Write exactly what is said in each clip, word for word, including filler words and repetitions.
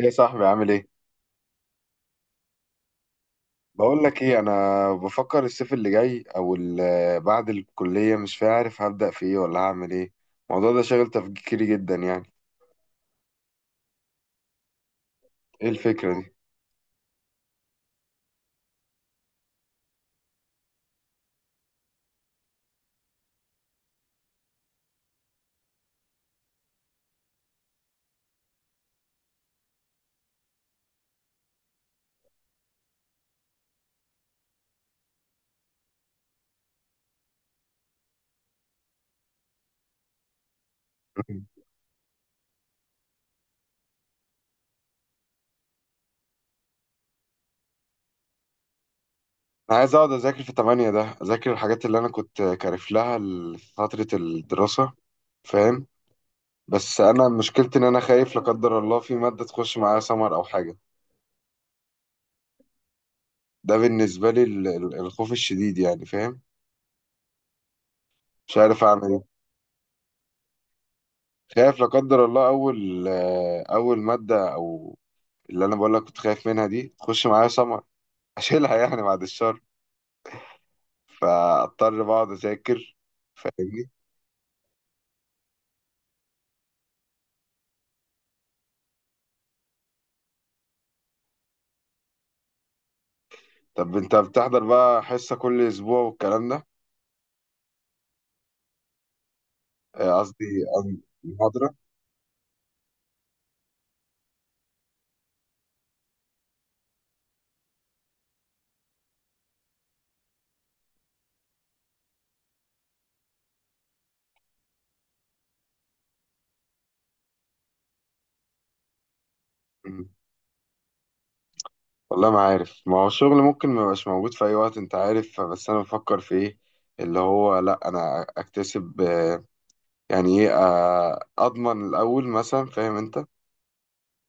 ايه يا صاحبي عامل ايه؟ بقول لك ايه، انا بفكر الصيف اللي جاي او ال- آه، بعد الكليه مش عارف هبدا في ايه ولا هعمل ايه. الموضوع ده شاغل تفكيري جدا يعني. ايه الفكره دي؟ مم. انا عايز اقعد اذاكر في تمانية، ده اذاكر الحاجات اللي انا كنت كارف لها ل- فتره الدراسه، فاهم. بس انا مشكلتي ان انا خايف لا قدر الله في ماده تخش معايا سمر او حاجه. ده بالنسبه لي ال- ال- الخوف الشديد يعني، فاهم. مش عارف اعمل ايه. خايف لا قدر الله اول آه، اول ماده، او اللي انا بقول لك كنت خايف منها دي تخش معايا سمر، اشيلها يعني، بعد الشر. فاضطر بقعد اذاكر، فاهمني. طب انت بتحضر بقى حصه كل اسبوع والكلام ده؟ آه، قصدي قصدي محاضره. مم. والله ما عارف، ما هو الشغل ممكن ما يبقاش موجود في اي وقت، انت عارف. بس انا بفكر في ايه، اللي هو لا انا اكتسب آه، يعني ايه، آه، اضمن الاول مثلا، فاهم انت.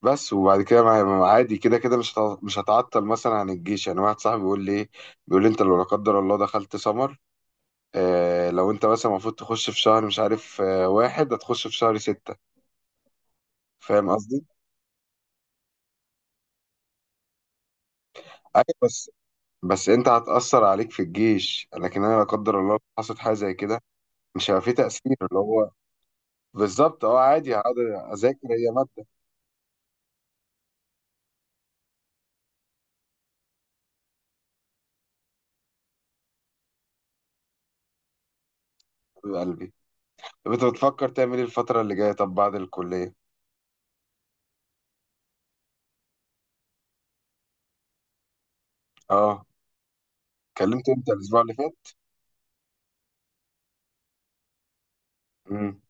بس وبعد كده ما- عادي كده كده مش هت- مش هتعطل مثلا عن الجيش، يعني واحد صاحبي بيقول لي ايه، بيقول لي انت لو لا قدر الله دخلت سمر، آه لو انت مثلا المفروض تخش في شهر مش عارف، آه واحد هتخش في شهر ستة. فاهم قصدي؟ ايوه بس، بس انت هتأثر عليك في الجيش، لكن انا لا قدر الله لو حصلت حاجة زي كده مش هيبقى في تأثير اللي هو. بالظبط، اه عادي هقعد اذاكر، هي مادة. حبيب قلبي، طب انت بتفكر تعمل ايه الفترة اللي جاية؟ طب بعد الكلية؟ اه، كلمت انت الاسبوع اللي فات؟ مم.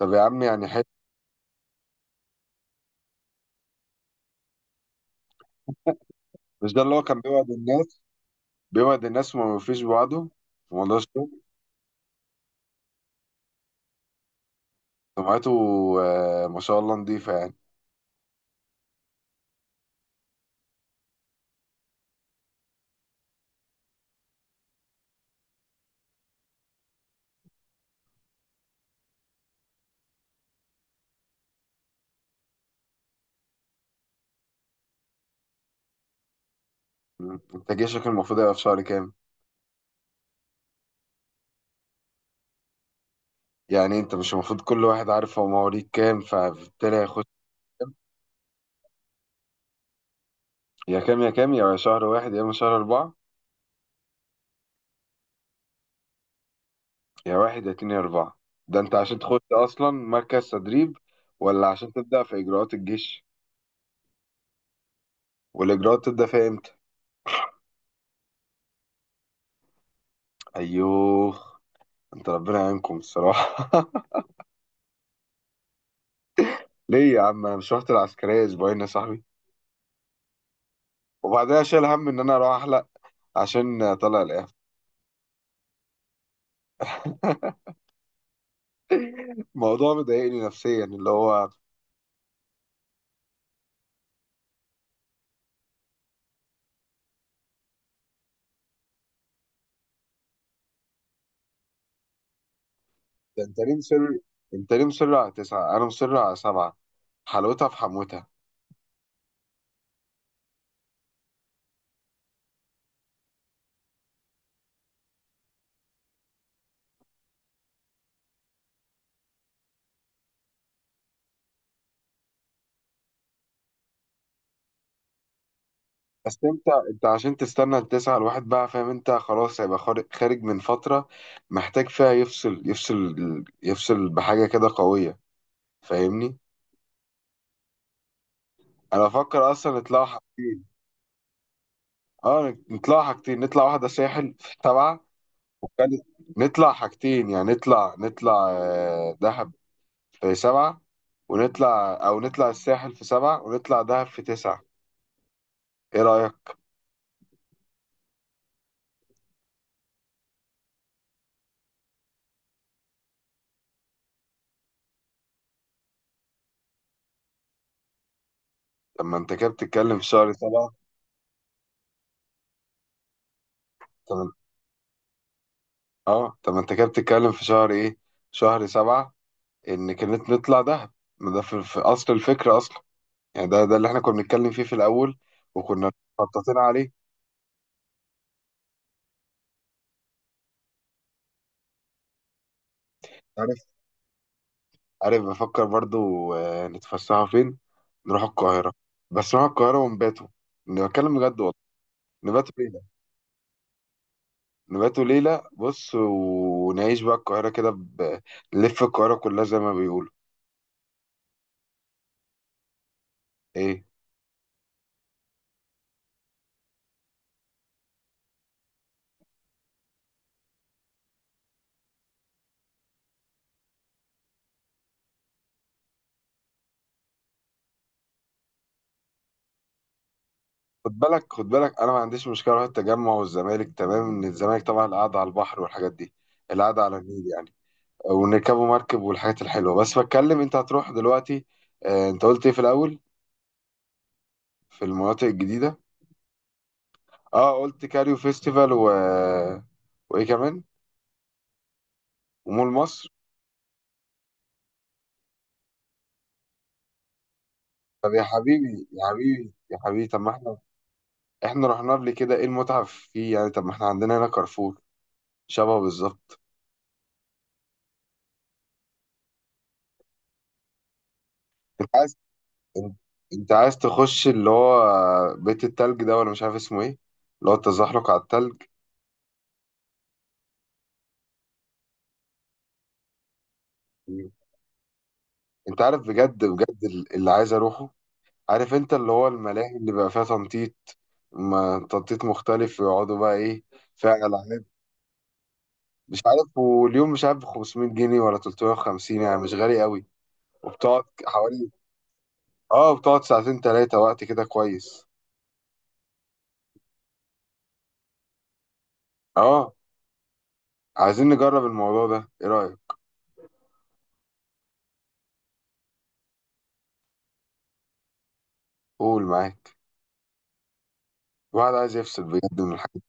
طب يا عم، يعني حلو. مش ده اللي هو كان بيوعد الناس؟ بيوعد الناس وما بيوفيش بوعده في موضوع الشغل. سمعته آه، ما شاء الله، نضيفة يعني. انت جيشك المفروض يبقى في شهر كام؟ يعني انت مش المفروض كل واحد عارف هو مواليد كام، فبالتالي هيخش. يا كام، يا كام، يا شهر واحد، يا اما شهر أربعة. يا واحد، يا اتنين، يا أربعة. ده انت عشان تخش أصلا مركز تدريب ولا عشان تبدأ في إجراءات الجيش؟ والإجراءات تبدأ فيها إمتى؟ أيوه. انت ربنا يعينكم الصراحة. ليه يا عم؟ انا مش رحت العسكرية أسبوعين يا صاحبي، وبعدها شايل هم ان انا اروح احلق عشان طلع الاف. الموضوع مضايقني نفسيا اللي هو. ده انت ليه مصر؟ انت ليه مصر على تسعة، انا مصر على سبعة. حلاوتها في حموتها. بس انت، انت عشان تستنى التسعة الواحد بقى، فاهم انت خلاص هيبقى خار- خارج من فترة محتاج فيها يفصل، يفصل يفصل بحاجة كده قوية، فاهمني. انا بفكر اصلا نطلع حاجتين. اه نطلع حاجتين، نطلع واحدة ساحل في سبعة، نطلع حاجتين يعني نطلع نطلع آه، دهب في سبعة، ونطلع أو نطلع الساحل في سبعة، ونطلع دهب في تسعة. إيه رأيك؟ طب ما أنت كده بتتكلم في شهر سبعة. طب ما- أه طب ما أنت كده بتتكلم في شهر إيه؟ شهر سبعة. إن كانت نطلع دهب، ما ده في, في أصل الفكرة أصلا. يعني ده ده اللي إحنا كنا بنتكلم فيه في الأول، وكنا مخططين عليه. عارف، عارف بفكر برضو آه، نتفسحوا فين؟ نروح القاهرة. بس نروح القاهرة ونباتوا، أنا بتكلم بجد والله. نباتوا فين؟ نبات وليلة، بص ونعيش بقى القاهرة كده ب- نلف القاهرة كلها زي ما بيقولوا. ايه؟ خد بالك خد بالك، انا ما عنديش مشكلة اروح التجمع والزمالك، تمام ان الزمالك طبعا القعدة على البحر والحاجات دي، القعدة على النيل يعني، ونركبوا مركب والحاجات الحلوة. بس بتكلم انت هتروح دلوقتي. آه انت قلت ايه في الاول؟ في المناطق الجديدة. اه، قلت كاريو فيستيفال و، وايه كمان؟ ومول مصر. طب يا حبيبي يا حبيبي يا حبيبي، طب ما احنا، احنا رحنا قبل كده، ايه المتعة فيه يعني؟ طب ما احنا عندنا هنا كارفور، شبهه بالظبط. انت عايز انت أنت عايز تخش اللي هو بيت التلج ده، ولا مش عارف اسمه ايه، اللي هو التزحلق على التلج. مم. انت عارف بجد بجد ال- اللي عايز اروحه؟ عارف انت اللي هو الملاهي اللي بقى فيها تنطيط، ما تنطيط مختلف، ويقعدوا بقى ايه فيها العاب، مش عارف، واليوم مش عارف ب خمسمية جنيه ولا تلتمية وخمسين، يعني مش غالي قوي. وبتقعد حوالي، اه بتقعد ساعتين تلاتة وقت كده كويس. اه، عايزين نجرب الموضوع ده، ايه رأيك؟ قول معاك، واحد عايز يفصل بجد من الحاجات.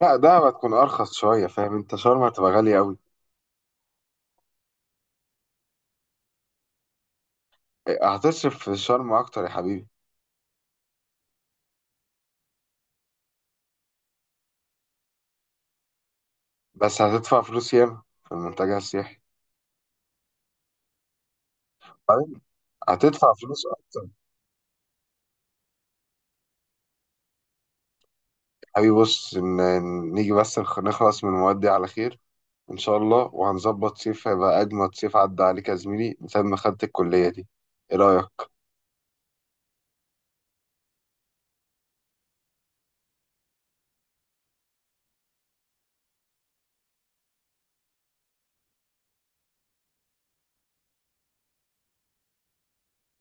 لا، ده هتكون ارخص شوية، فاهم انت شرم هتبقى غالية قوي، هتصرف في شرم اكتر يا حبيبي. بس هتدفع فلوس ياما في المنتجع السياحي. طيب، هتدفع فلوس اكتر. يا حبيبي بص، ن- نيجي بس نخ- نخلص من المواد دي على خير ان شاء الله، وهنظبط صيف هيبقى اجمد صيف عدى عليك يا زميلي من ساعة ما خدت الكلية دي. ايه رأيك؟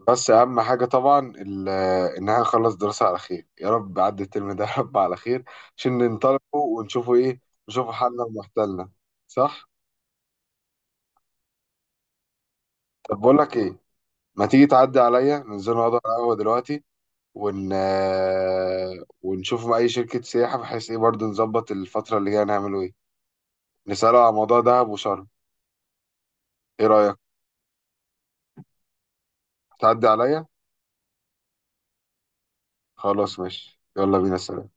بس اهم حاجه طبعا ال- ان احنا نخلص دراسه على خير، يا رب عدي الترم ده يا رب على خير، عشان ننطلقوا ونشوفوا ايه، نشوفوا حالنا ومحتلنا. صح؟ طب بقول لك ايه، ما تيجي تعدي عليا، ننزل نقعد على القهوه دلوقتي، ون ونشوف مع اي شركه سياحه بحيث ايه برضو نظبط الفتره اللي جايه نعمله ايه، نساله على موضوع دهب وشرم. ايه رايك؟ تعدي عليا. خلاص ماشي، يلا بينا، سلام.